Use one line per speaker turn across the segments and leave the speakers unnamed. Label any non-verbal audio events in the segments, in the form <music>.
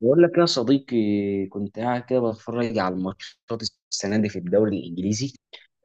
بقول لك يا صديقي، كنت قاعد كده بتفرج على الماتشات السنه دي في الدوري الانجليزي.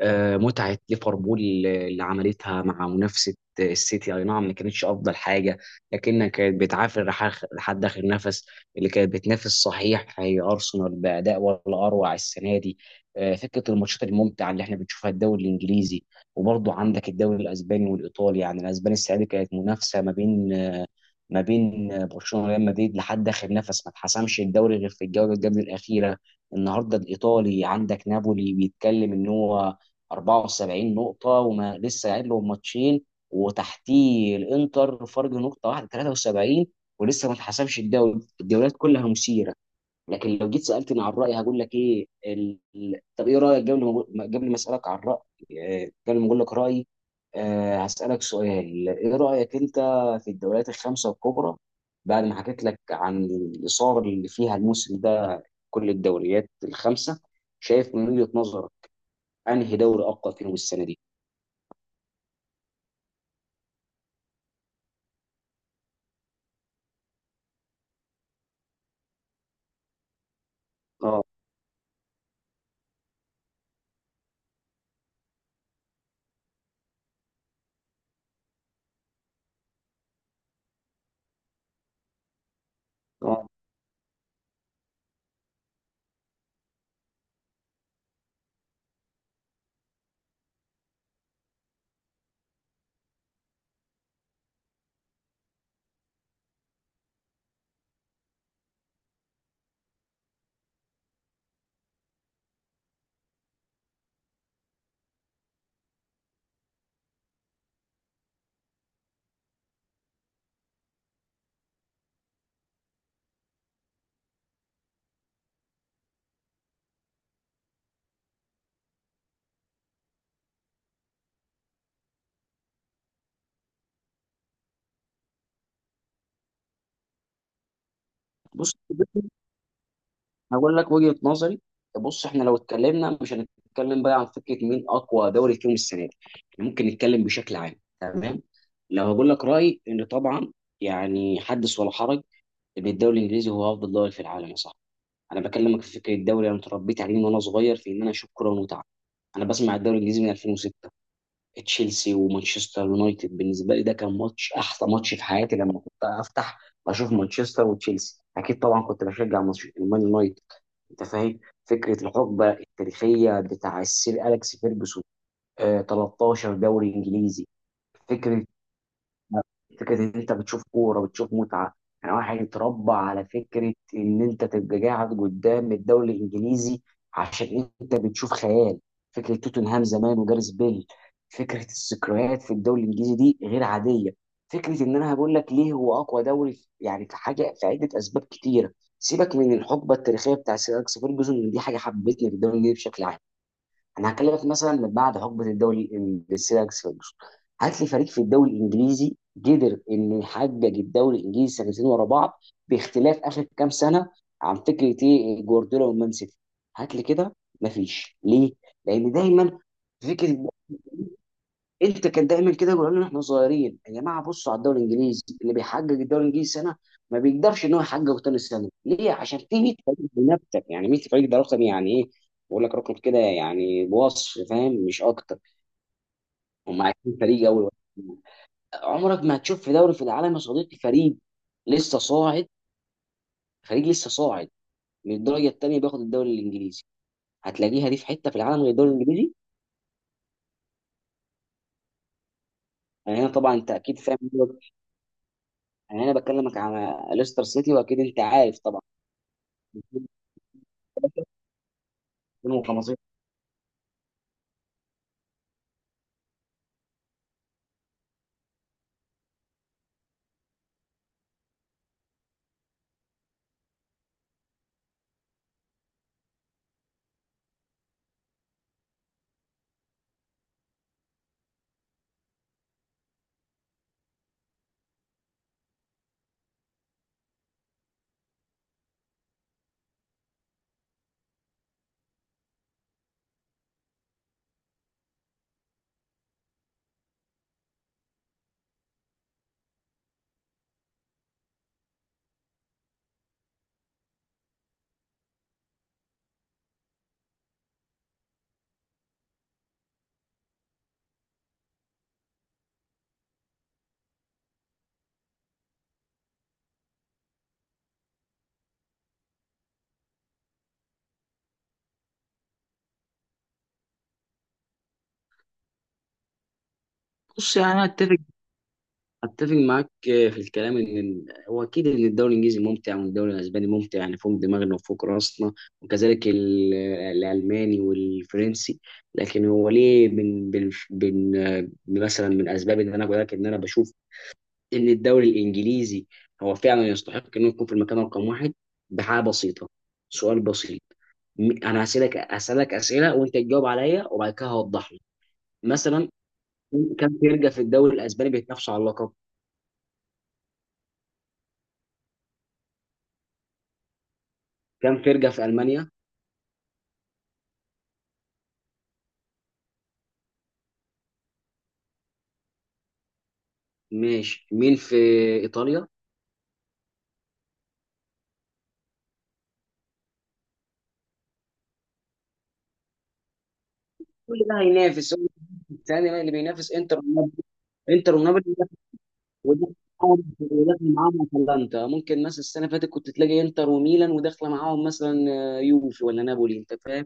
متعه ليفربول اللي عملتها مع منافسه السيتي، اي نعم ما كانتش افضل حاجه، لكنها كانت بتعافر لحد اخر نفس. اللي كانت بتنافس صحيح هي ارسنال باداء ولا اروع السنه دي. فكره الماتشات الممتعه اللي احنا بنشوفها الدوري الانجليزي. وبرضه عندك الدوري الاسباني والايطالي، يعني الاسباني السنه دي كانت منافسه ما بين برشلونه وريال مدريد لحد اخر نفس، ما اتحسمش الدوري غير في الجوله اللي قبل الاخيره. النهارده الايطالي عندك نابولي بيتكلم ان هو 74 نقطه وما لسه قاعد له ماتشين، وتحتيه الانتر فرق نقطه واحده 73، ولسه ما اتحسمش الدوري. الدوريات كلها مثيره. لكن لو جيت سالتني عن رايي، هقول لك ايه طب ايه رايك؟ قبل ما قبل ما اسالك عن رايي، قبل ما اقول لك رايي، هسالك سؤال، ايه رايك انت في الدوريات الخمسه الكبرى؟ بعد ما حكيت لك عن الاثاره اللي فيها الموسم ده، كل الدوريات الخمسه، شايف من وجهه نظرك انهي دوري اقوى فيهم السنه دي؟ اه، اه. بص، هقول لك وجهة نظري. بص احنا لو اتكلمنا مش هنتكلم بقى عن فكرة مين اقوى دوري فيهم السنة دي، إحنا ممكن نتكلم بشكل عام. تمام. لو هقول لك رأيي، ان طبعا يعني حدث ولا حرج، ان الدوري الانجليزي هو افضل دوري في العالم يا صاحبي. انا بكلمك في فكرة الدوري، انا اتربيت عليه من وانا صغير في ان انا اشوف كرة ومتعة. انا بسمع الدوري الانجليزي من 2006، تشيلسي ومانشستر يونايتد بالنسبة لي ده كان ماتش، احسن ماتش في حياتي، لما كنت افتح اشوف مانشستر وتشيلسي. اكيد طبعا كنت بشجع المان يونايتد، انت فاهم، فكره الحقبه التاريخيه بتاع السير اليكس فيرجسون، 13 دوري انجليزي. فكره فكره ان انت بتشوف كوره بتشوف متعه، يعني واحد اتربى على فكره ان انت تبقى قاعد قدام الدوري الانجليزي عشان انت بتشوف خيال. فكره توتنهام زمان وجاريث بيل، فكره الذكريات في الدوري الانجليزي دي غير عاديه. فكره ان انا هقول لك ليه هو اقوى دوري يعني في حاجه، في عده اسباب كتيره. سيبك من الحقبه التاريخيه بتاع سير أليكس فيرجسون، دي حاجه حبتني في الدوري الانجليزي بشكل عام. انا هكلمك مثلا من بعد حقبه الدوري الانجليزي لأليكس فيرجسون، هات لي فريق في الدوري الانجليزي قدر انه يحقق الدوري الانجليزي سنتين ورا بعض باختلاف اخر كام سنه، عن فكره ايه جوارديولا والمان سيتي. هات لي كده، مفيش، ليه؟ لان دايما فكره انت كان دايما كده يقولوا لنا احنا صغيرين، يا جماعه بصوا على الدوري الانجليزي، اللي بيحقق الدوري الانجليزي سنه ما بيقدرش ان هو يحققه تاني سنه. ليه؟ عشان في 100 فريق بينافسك، يعني 100 فريق ده رقم يعني ايه. بقول لك رقم كده يعني بوصف فاهم، مش اكتر. هم 20 فريق اول واحد. عمرك ما هتشوف في دوري في العالم يا صديقي فريق لسه صاعد، فريق لسه صاعد من الدرجه الثانيه بياخد الدوري الانجليزي، هتلاقيها دي في حته في العالم غير الدوري الانجليزي؟ يعني انا هنا طبعا انت اكيد فاهم، يعني انا هنا بكلمك على ليستر سيتي، واكيد انت عارف طبعا 2015. بص يعني انا اتفق معاك في الكلام، ان هو اكيد ان الدوري الانجليزي ممتع وان الدوري الاسباني ممتع يعني فوق دماغنا وفوق راسنا، وكذلك الالماني والفرنسي. لكن هو ليه، من مثلا من اسباب ان انا بقول لك ان انا بشوف ان الدوري الانجليزي هو فعلا يستحق انه يكون في المكان رقم واحد، بحاجه بسيطه، سؤال بسيط. انا هسالك اسئله وانت تجاوب عليا، وبعد كده هوضح لك. مثلا كام فرقة في الدوري الأسباني بيتنافسوا على اللقب؟ كام فرقة في ألمانيا؟ ماشي، مين في إيطاليا؟ كل ده هينافس هو الثاني اللي إنتر ونابولي بينافس، وده، وداخل معاهم أتلانتا ممكن. مثلا السنة اللي فاتت كنت تلاقي إنتر وميلان، وداخلة معاهم مثلا يوفي ولا نابولي، أنت فاهم؟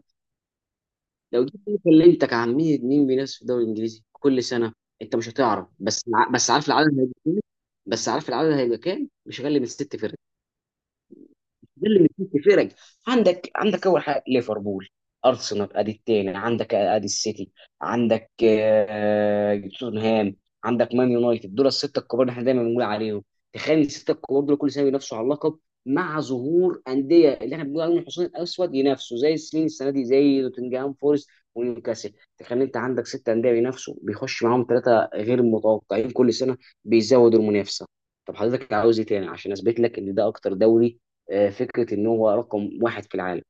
لو جيت كلمتك عن مين مين بينافس في الدوري الإنجليزي كل سنة، أنت مش هتعرف، بس بس عارف العدد هيبقى كام؟ بس عارف العدد هيبقى كام؟ مش أقل من 6 فرق، ده اللي مديك فرق. عندك اول حاجه ليفربول، ارسنال ادي الثاني، عندك ادي السيتي، عندك توتنهام، عندك مان يونايتد. دول السته الكبار اللي احنا دايما بنقول عليهم. تخيل السته الكبار دول كل سنه بينافسوا على اللقب، مع ظهور انديه اللي احنا بنقول عليهم الحصان الاسود ينافسوا زي السنين، السنه دي زي نوتنجهام فورست ونيوكاسل. تخيل انت عندك 6 انديه بينافسوا، بيخش معاهم ثلاثه غير متوقعين كل سنه بيزودوا المنافسه. طب حضرتك عاوز ايه تاني عشان اثبت لك ان ده اكتر دوري، فكره ان هو رقم واحد في العالم؟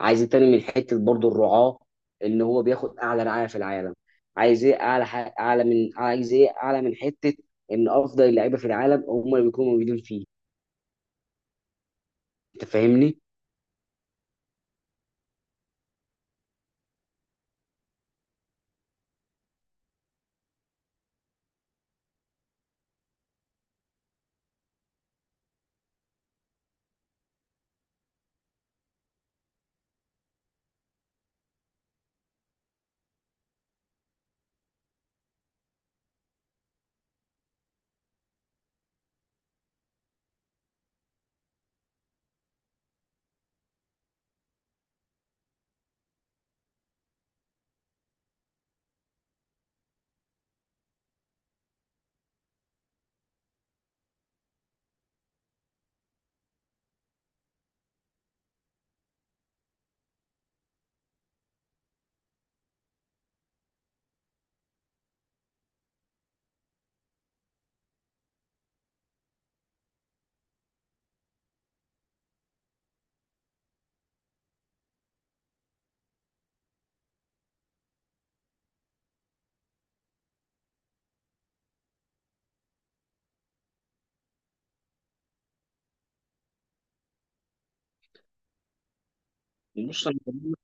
عايز إيه تاني، من حته برضو الرعاه، ان هو بياخد اعلى رعايه في العالم. عايز ايه اعلى اعلى من، عايز ايه اعلى من حته ان افضل اللعيبه في العالم هم اللي بيكونوا موجودين فيه، انت فاهمني؟ بص انا بكلمك-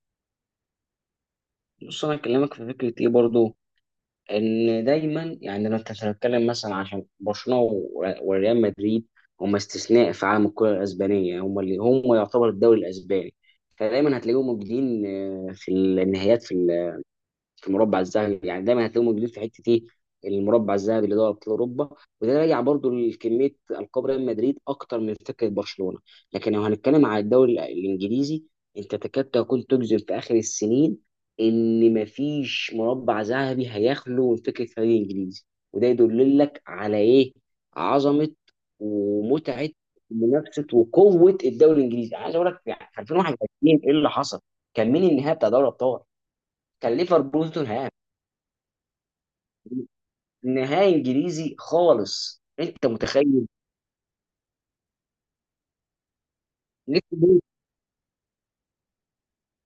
بص انا اكلمك في فكره ايه برضو، ان دايما يعني لو انت هتتكلم مثلا عشان برشلونه وريال مدريد، هم استثناء في عالم الكره الاسبانيه، هم يعتبر الدوري الاسباني، فدايما هتلاقيهم موجودين في النهائيات، في المربع الذهبي، يعني دايما هتلاقيهم موجودين في حته ايه؟ المربع الذهبي اللي هو ابطال اوروبا. وده راجع برضو لكميه القاب ريال مدريد اكتر من فكره برشلونه. لكن لو هنتكلم على الدوري الانجليزي، انت تكاد تكون تجزم في اخر السنين ان مفيش مربع ذهبي هيخلو من فكره فريق انجليزي. وده يدل لك على ايه؟ عظمه ومتعه، منافسه وقوه الدوري الانجليزي. عايز اقول لك، يعني في 2021 ايه اللي حصل؟ كان مين النهائي بتاع دوري الابطال؟ كان ليفربول توتنهام، نهائي انجليزي خالص، انت متخيل؟ نيك بول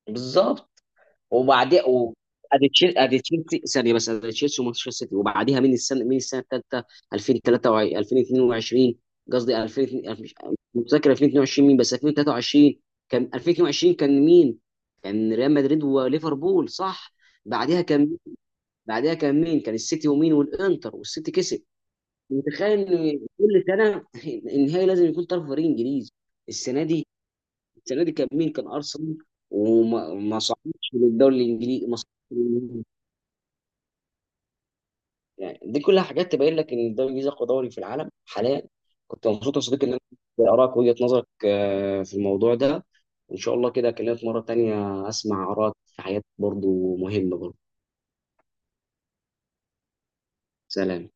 بالظبط. وبعدين ادي تشيلسي ثانيه، بس ادي تشيلسي ومانشستر سيتي. وبعديها من السنه الثالثه 2023، 2022 قصدي، 2002، مش متذكر 2022 مين، بس 2023. كان 2022، كان مين؟ كان ريال مدريد وليفربول، صح. بعديها كان بعديها كان مين؟ كان السيتي ومين؟ والانتر والسيتي كسب. متخيل ان كل سنه <laughs> النهائي لازم يكون طرف فريق انجليزي. السنه دي السنه دي كان مين؟ كان ارسنال. وما ما صعدش للدوري الانجليزي، ما صعدش للنهائي. يعني دي كلها حاجات تبين لك ان الدوري الانجليزي اقوى دوري في العالم حاليا. كنت مبسوط يا صديقي ان انا ارائك، وجهه نظرك في الموضوع ده، وان شاء الله كده اكلمك مره تانية اسمع ارائك في حاجات برضو مهمه برضو. سلام.